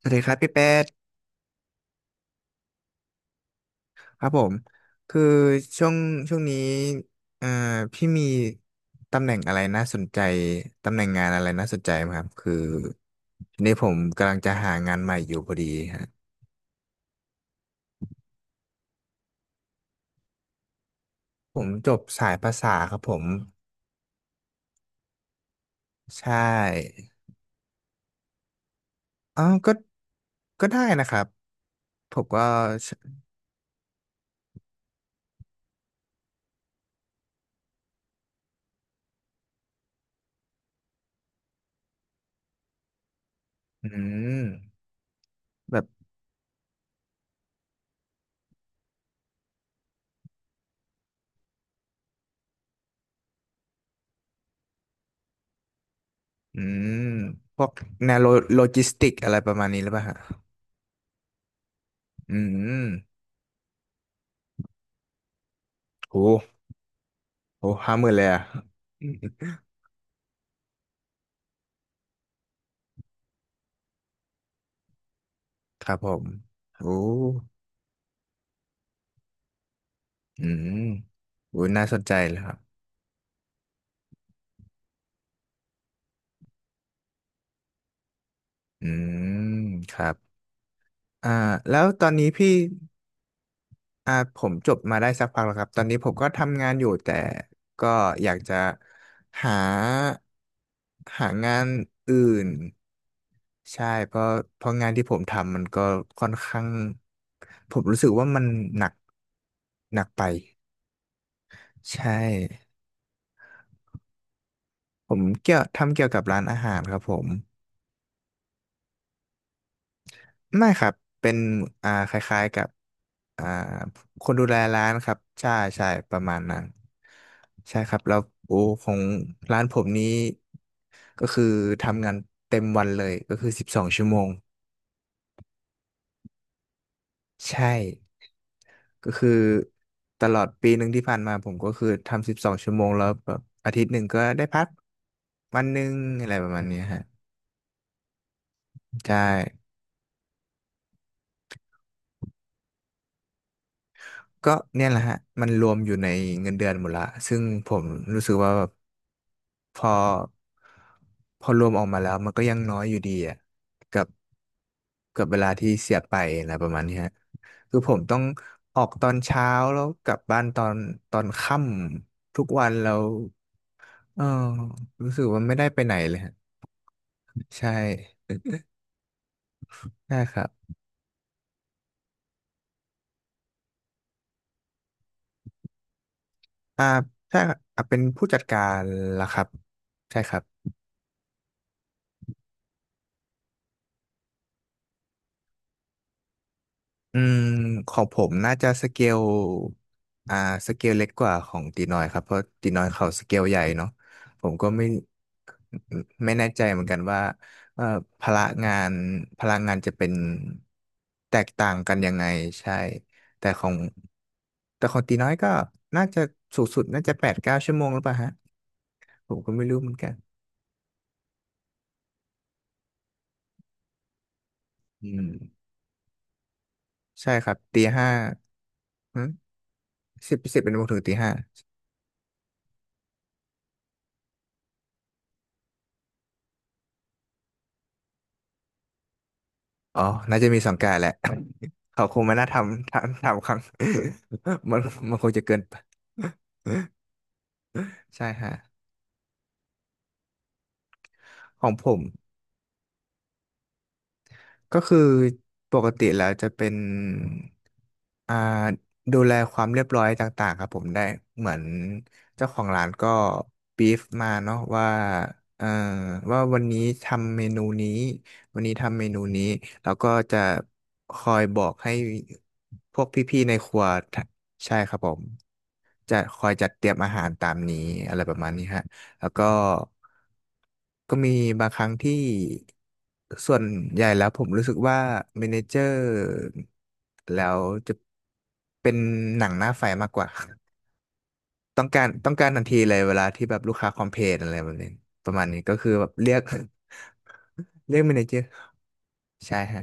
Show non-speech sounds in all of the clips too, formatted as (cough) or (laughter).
สวัสดีครับพี่แป๊ดครับผมคือช่วงช่วงนี้เอ่อพี่มีตำแหน่งอะไรน่าสนใจตำแหน่งงานอะไรน่าสนใจไหมครับคือทีนี้ผมกำลังจะหางานใหม่อยู่พอดีฮะผมจบสายภาษาครับผมใช่อ๋อก็ได้นะครับผมก็อืมแบบอืมพวกแนวโลจิสติกอะไรประมาณนี้หรือเปล่าฮะอืมโหโห50,000เลยอะ ครับผมโอ้อืมโอ้น่าสนใจเลยครับอืมครับอ่าแล้วตอนนี้พี่ผมจบมาได้สักพักแล้วครับตอนนี้ผมก็ทำงานอยู่แต่ก็อยากจะหา หางานอื่น ใช่ เพราะงานที่ผมทำมันก็ค่อนข้างผมรู้สึกว่ามันหนัก หนักไป ใช่ ผมเกี่ยวทำเกี่ยวกับร้านอาหารครับผม ไม่ครับ เป็นคล้ายๆกับอ่าคนดูแลร้านครับใช่ใช่ประมาณนั้นใช่ครับแล้วโอ้ของร้านผมนี้ก็คือทำงานเต็มวันเลยก็คือสิบสองชั่วโมงใช่ก็คือตลอดปีหนึ่งที่ผ่านมาผมก็คือทำสิบสองชั่วโมงแล้วแบบอาทิตย์หนึ่งก็ได้พักวันหนึ่งอะไรประมาณเนี้ยฮะใช่ก็เนี่ยแหละฮะมันรวมอยู่ในเงินเดือนหมดละซึ่งผมรู้สึกว่าแบบ พอพอรวมออกมาแล้วมันก็ยังน้อยอยู่ดีอ่ะกับกับเวลาที่เสียไปอะไรประมาณนี้ฮะคือผมต้องออกตอนเช้าแล้วกลับบ้านตอนค่ำทุกวันแล้วเออรู้สึกว่าไม่ได้ไปไหนเลยฮะใช่ใช่ครับอ่าใช่ครับอ่าเป็นผู้จัดการล่ะครับใช่ครับ อืมของผมน่าจะสเกลอ่าสเกลเล็กกว่าของตีน้อยครับเพราะตีน้อยเขาสเกลใหญ่เนาะผมก็ไม่แน่ใจเหมือนกันว่าเอ่อพละงานพลังงานจะเป็นแตกต่างกันยังไงใช่แต่ของแต่ของตีน้อยก็น่าจะสูงสุดน่าจะ8-9 ชั่วโมงหรือเปล่าฮะผมก็ไม่รู้เหมือนกันอืมใช่ครับตีห้าสิบเป็นโมงถึงตีห้า อ๋อ น่าจะมีสังกัดแหละ (laughs) เขาคงไม่น่าทำครั้ง (laughs) มันมันคงจะเกินไป (laughs) ใช่ฮะของผม ก็คือปกติแล้วจะเป็นอ่าดูแลความเรียบร้อยต่างๆครับผมได้เหมือนเจ้าของร้านก็บีฟมาเนาะว่าเอ่อว่าวันนี้ทำเมนูนี้วันนี้ทำเมนูนี้แล้วก็จะคอยบอกให้พวกพี่ๆในครัวทะใช่ครับผมจะคอยจัดเตรียมอาหารตามนี้อะไรประมาณนี้ฮะ แล้วก็ก็มีบางครั้งที่ส่วนใหญ่แล้วผมรู้สึกว่าเมเนเจอร์แล้วจะเป็นหนังหน้าไฟมากกว่า (laughs) ต้องการทันทีเลยเวลาที่แบบลูกค้าคอมเพลนอะไรแบบนี้ประมาณนี้ก็คือแบบเรียก (laughs) เรียกเมเนเจอร์ใช่ฮะ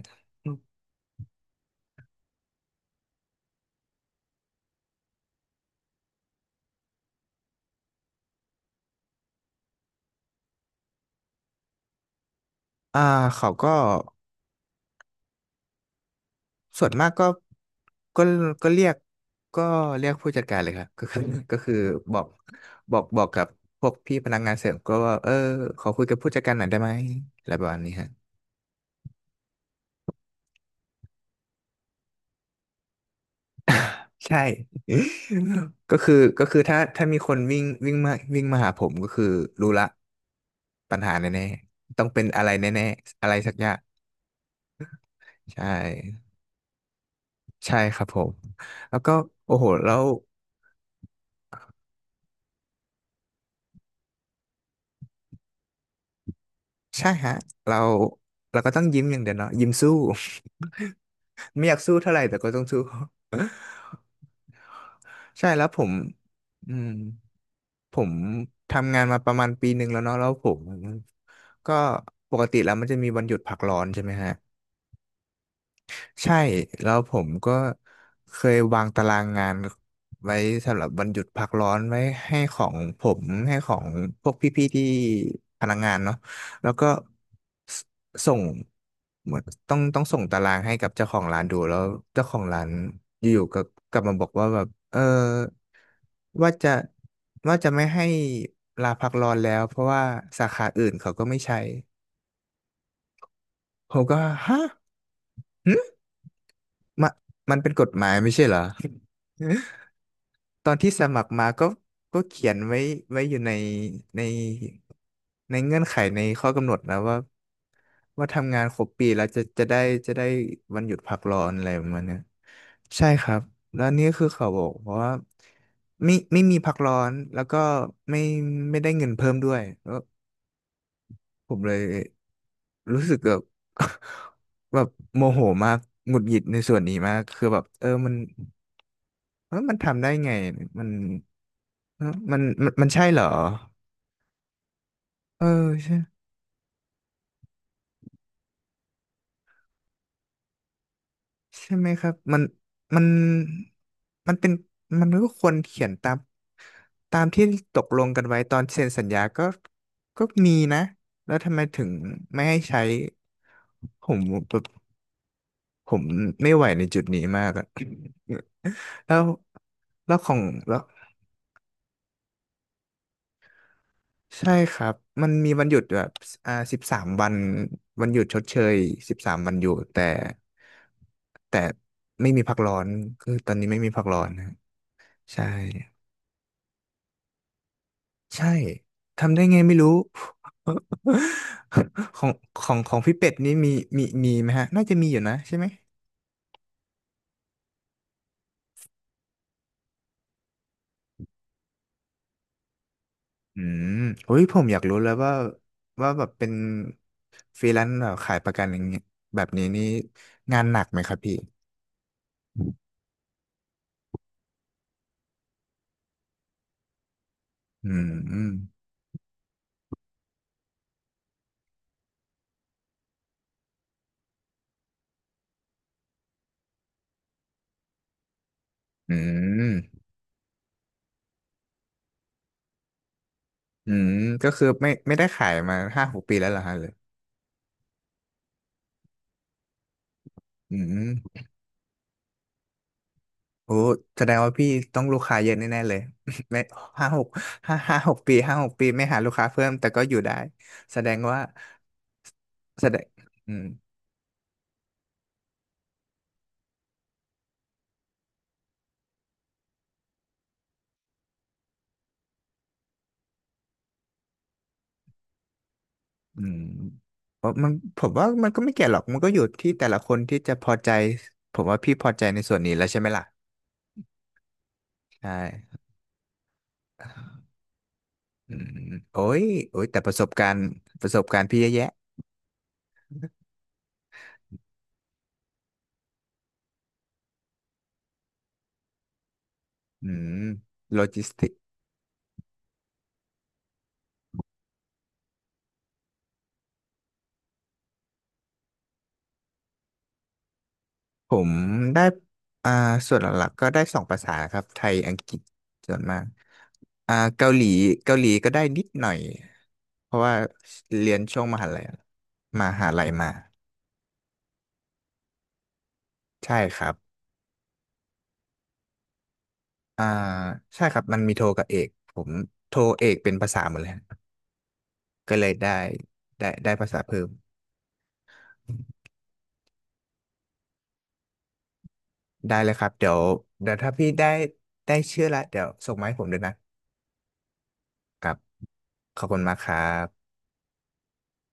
อ่าเขาก็ ส่วนมากก็ก็ก็เรียกก็เรียกผู้จัดการเลยครับ (laughs) ก็คือก็คือบอกบอกกับพวกพี่พนักงานเสริมก็ว่าเออขอคุยกับผู้จัดการหน่อยได้ไหมอะไรประมาณนี้ฮะใช่ก็คือก็คือถ้ามีคนวิ่งวิ่งมาวิ่งมาหาผมก็คือรู้ละปัญหาแน่ๆต้องเป็นอะไรแน่ๆอะไรสักอย่างใช่ใช่ครับผมแล้วก็โอ้โหเราใช่ฮะเราเราก็ต้องยิ้มอย่างเดียวเนาะยิ้มสู้ (laughs) ไม่อยากสู้เท่าไหร่แต่ก็ต้องสู้ ใช่แล้วผมอืมผมทำงานมาประมาณปีหนึ่งแล้วเนาะแล้วผมก็ปกติแล้วมันจะมีวันหยุดพักร้อนใช่ไหมฮะใช่แล้วผมก็เคยวางตารางงานไว้สำหรับวันหยุดพักร้อนไว้ให้ของผมให้ของพวกพี่ๆที่พนักงานเนาะแล้วก็สส่งเหมือนต้องส่งตารางให้กับเจ้าของร้านดูแล้วเจ้าของร้านอยู่ๆก็กลับมาบอกว่าแบบเออ ว่าจะว่าจะไม่ให้ลาพักร้อนแล้วเพราะว่าสาขาอื่นเขาก็ไม่ใช้ผมก็ฮะหึมามันเป็นกฎหมายไม่ใช่เหรอ (laughs) ตอนที่สมัครมาก็ก็เขียนไว้ไว้อยู่ในในในเงื่อนไขในข้อกำหนดนะว่าทำงานครบปีแล้วจะได้จะได้วันหยุดพักร้อนอะไรประมาณเนี้ยใช่ครับแล้วนี่คือเขาบอกว่าไม่มีพักร้อนแล้วก็ไม่ไม่ได้เงินเพิ่มด้วย ผมเลยรู้สึกแบบ (laughs) แบบโมโหมากหงุดหงิดในส่วนนี้มากคือแบบเออมันเออมันทำได้ไงมันเออมันใช่เหรอเออใช่ใช่ไหมครับมันมันมันเป็นมันก็ควรเขียนตามตามที่ตกลงกันไว้ตอนเซ็นสัญญาก็ก็มีนะแล้วทำไมถึงไม่ให้ใช้ผมแบบผมไม่ไหวในจุดนี้มากอะ แล้วแล้วของแล้วใช่ครับมันมีวันหยุดแบบอ่าสิบสามวันวันหยุดชดเชยสิบสามวันหยุดแต่แต่ไม่มีพักร้อนคือตอนนี้ไม่มีพักร้อนนะใช่ใช่ทำได้ไงไม่รู้ (laughs) ของของพี่เป็ดนี่มีมีไหมฮะน่าจะมีอยู่นะใช่ไหมอืมโอ้ยผมอยากรู้แล้วว่าแบบเป็นฟรีแลนซ์แบบขายประกันอย่างเงี้ยแบบนี้นี่งานหนักไหมครับพี่ อืมอืมอืมอืมก็คือไม่ได้ขายมาห้าหกปีแล้วเหรอฮะเลยอืมโอ้แสดงว่าพี่ต้องลูกค้าเยอะแน่ๆเลย (laughs) ไม่ห้าหกห้าหกปีห้าหกปีไม่หาลูกค้าเพิ่มแต่ก็อยู่ได้แสดงว่าแสดงอืมอืมเพราะมันผมว่ามันก็ไม่เกี่ยวหรอกมันก็อยู่ที่แต่ละคนที่จะพอใจผมว่าพี่พอใจในส่วนนี้แล้วใช่ไหมล่ะใช่อืมโอ้ยแต่ประสบการณ์ประสบการณ์พี่เยอะแยะอืมโลจิสติ ผมได้อ่าส่วนหลักๆก็ได้2 ภาษาครับไทย อังกฤษส่วนมากอ่าเกาหลีก็ได้นิดหน่อย เพราะว่าเรียนช่วงมหาลัยมา ใช่ครับอ่าใช่ครับ มันมีโทกับเอก ผมโทเอกเป็นภาษาหมดเลยฮะก็เลยได้ได้ภาษาเพิ่ม ได้เลยครับ เดี๋ยวถ้าพี่ได้ชื่อละเดี๋ยวส่งมาให้ผมด้วยนะครับขอบคุณมากครับ